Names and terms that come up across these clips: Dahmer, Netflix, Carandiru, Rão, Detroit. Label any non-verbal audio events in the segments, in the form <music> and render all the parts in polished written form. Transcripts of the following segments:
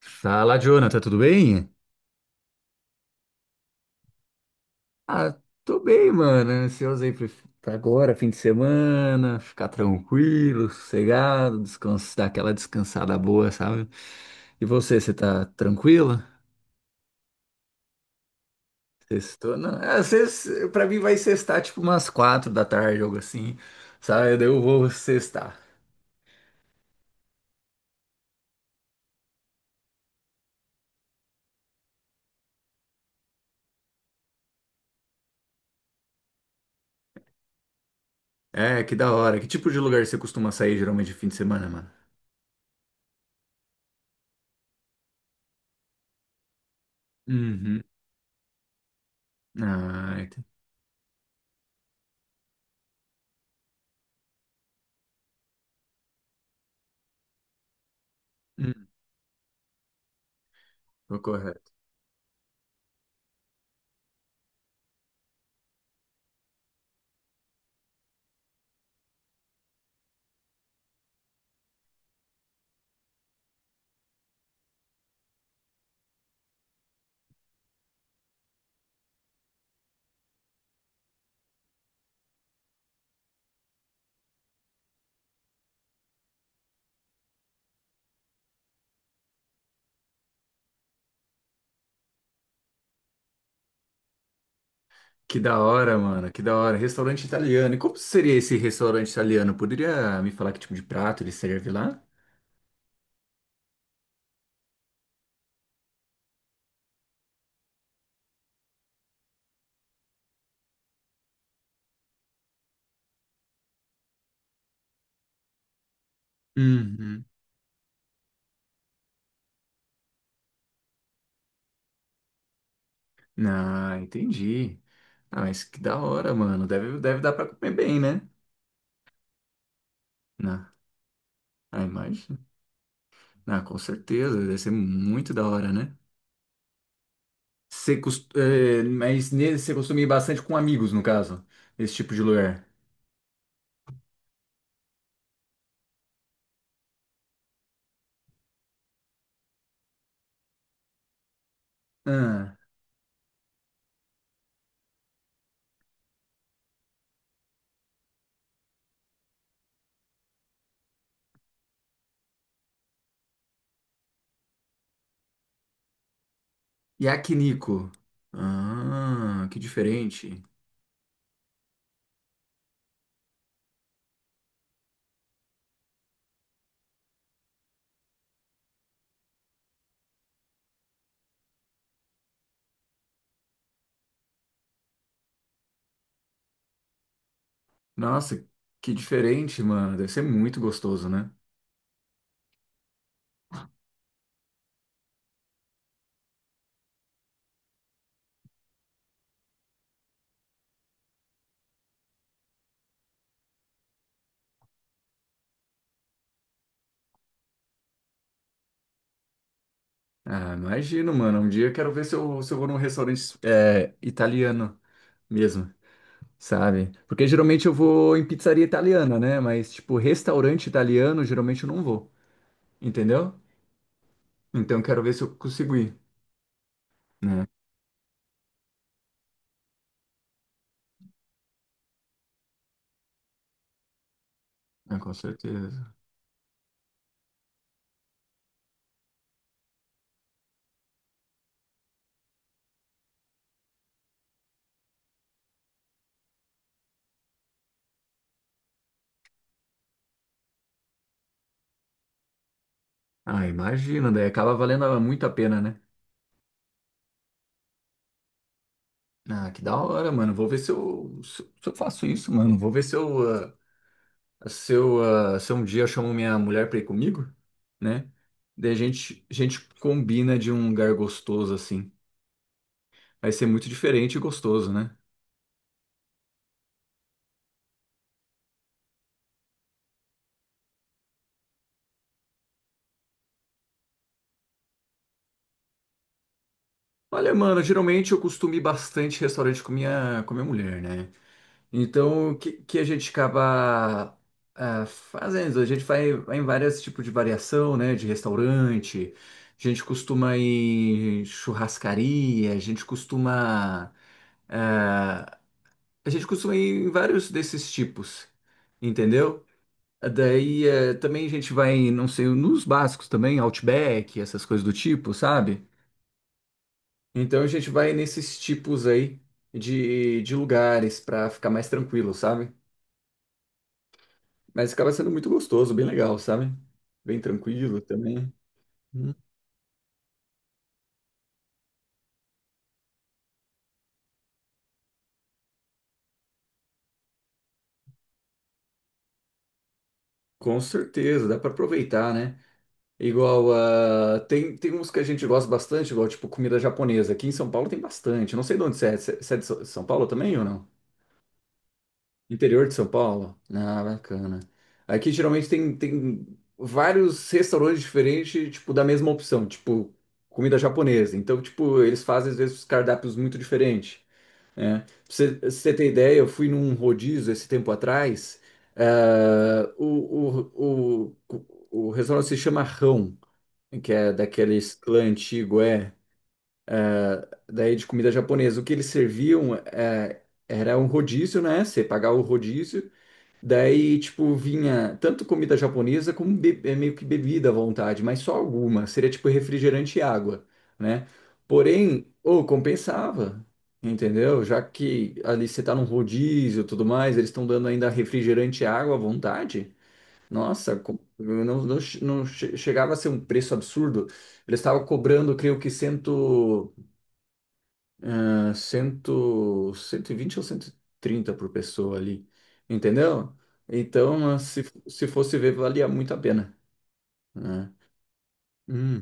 Fala, Jonathan, tudo bem? Ah, Tô bem, mano. Ansioso aí pra agora, fim de semana, ficar tranquilo, sossegado, descansar, dar aquela descansada boa, sabe? E você tá tranquilo? Sextou? Não, é, pra mim vai sextar tipo umas 4 da tarde, algo assim, sabe? Daí eu vou sextar. É, que da hora. Que tipo de lugar você costuma sair geralmente de fim de semana, mano? Uhum. Ah, ent- Hum, tô correto. Que da hora, mano, que da hora. Restaurante italiano. E como seria esse restaurante italiano? Poderia me falar que tipo de prato ele serve lá? Uhum. Ah, entendi. Ah, mas que da hora, mano. Deve dar pra comer bem, né? Na, ah, imagina. Ah, com certeza. Deve ser muito da hora, né? Você cos- eh, mas ne- Você costuma ir bastante com amigos, no caso, esse tipo de lugar. Ah, yakiniku. Ah, que diferente. Nossa, que diferente, mano. Deve ser muito gostoso, né? Ah, imagino, mano. Um dia eu quero ver se eu, vou num restaurante é, italiano mesmo, sabe? Porque geralmente eu vou em pizzaria italiana, né? Mas, tipo, restaurante italiano, geralmente eu não vou, entendeu? Então eu quero ver se eu consigo ir, né? Ah, com certeza. Ah, imagino, daí acaba valendo muito a pena, né? Ah, que da hora, mano. Vou ver se eu, se eu faço isso, mano. Vou ver se eu, ah, se eu, ah, se um dia eu chamo minha mulher pra ir comigo, né? Daí a gente combina de um lugar gostoso assim. Vai ser muito diferente e gostoso, né? Olha, mano, geralmente eu costumo ir bastante restaurante com minha mulher, né? Então, que a gente acaba ah, fazendo? A gente vai em vários tipos de variação, né? De restaurante, a gente costuma ir em churrascaria, a gente costuma. Ah, a gente costuma ir em vários desses tipos, entendeu? Daí eh, também a gente vai, em, não sei, nos básicos também, Outback, essas coisas do tipo, sabe? Então a gente vai nesses tipos aí de lugares pra ficar mais tranquilo, sabe? Mas acaba sendo muito gostoso, bem legal, sabe? Bem tranquilo também. Hum, Com certeza, dá pra aproveitar, né? Igual, ah, tem, tem uns que a gente gosta bastante, igual tipo comida japonesa. Aqui em São Paulo tem bastante. Não sei de onde você é. Você é de São Paulo também ou não? Interior de São Paulo? Ah, bacana. Aqui geralmente tem, tem vários restaurantes diferentes, tipo, da mesma opção, tipo, comida japonesa. Então, tipo, eles fazem às vezes cardápios muito diferentes, né? Pra você ter ideia, eu fui num rodízio esse tempo atrás. Ah, o restaurante se chama Rão, que é daqueles clã antigo, é, daí de comida japonesa. O que eles serviam é, era um rodízio, né? Você pagava o rodízio. Daí, tipo, vinha tanto comida japonesa como é, meio que bebida à vontade, mas só alguma. Seria tipo refrigerante e água, né? Porém, ô, compensava, entendeu? Já que ali você tá num rodízio e tudo mais, eles estão dando ainda refrigerante e água à vontade. Nossa, não, não, não chegava a ser um preço absurdo. Eles estavam cobrando, creio que cento ah, 100, 120 ou 130 por pessoa ali, entendeu? Então, ah, se fosse ver, valia muito a pena, né? Hum,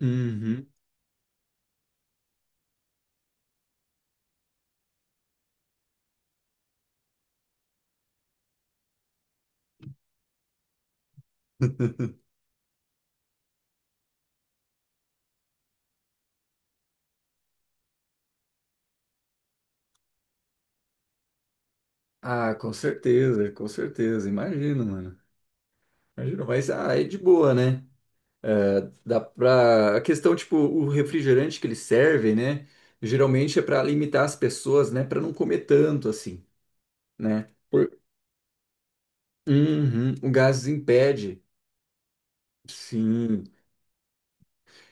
uhum. <laughs> Ah, com certeza, com certeza. Imagino, mano. Imagino, mas ah, é de boa, né? É, dá pra... A questão, tipo, o refrigerante que eles servem, né? Geralmente é para limitar as pessoas, né? Para não comer tanto, assim, né? Por... Uhum, o gás impede. Sim.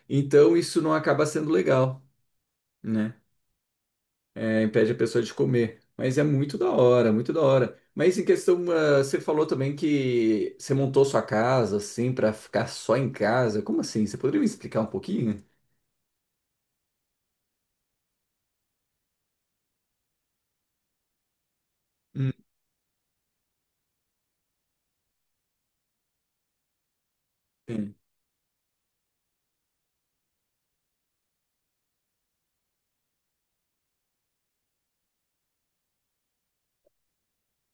Então isso não acaba sendo legal, né? É, impede a pessoa de comer. Mas é muito da hora, muito da hora. Mas em questão, ah, você falou também que você montou sua casa assim pra ficar só em casa. Como assim? Você poderia me explicar um pouquinho? Hum, sim.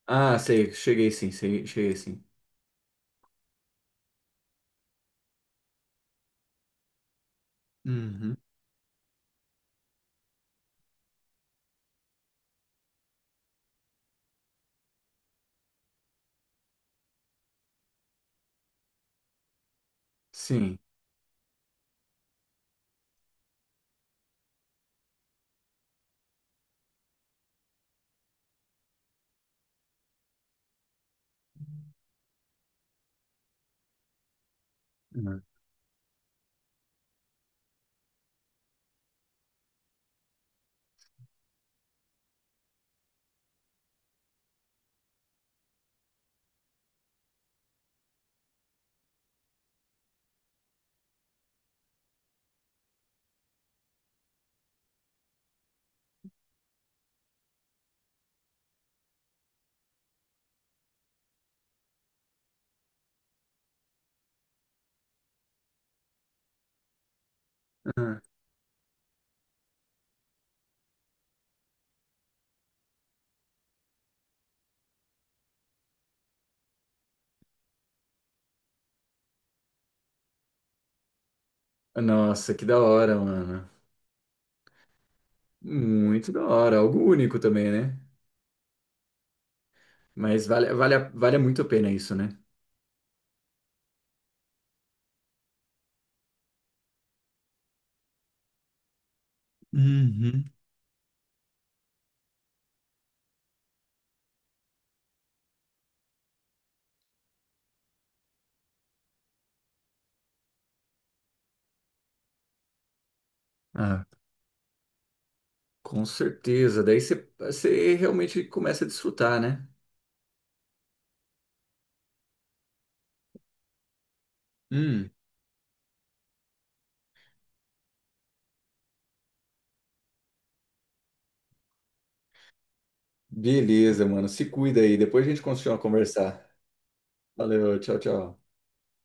Ah, sei, cheguei sim, cheguei sim. Uhum. Sim. Uhum. Ah, nossa, que da hora, mano. Muito da hora, algo único também, né? Mas vale, vale muito a pena isso, né? Uhum. Ah, com certeza. Daí você realmente começa a desfrutar, né? Hum, beleza, mano. Se cuida aí. Depois a gente continua a conversar. Valeu, tchau, tchau.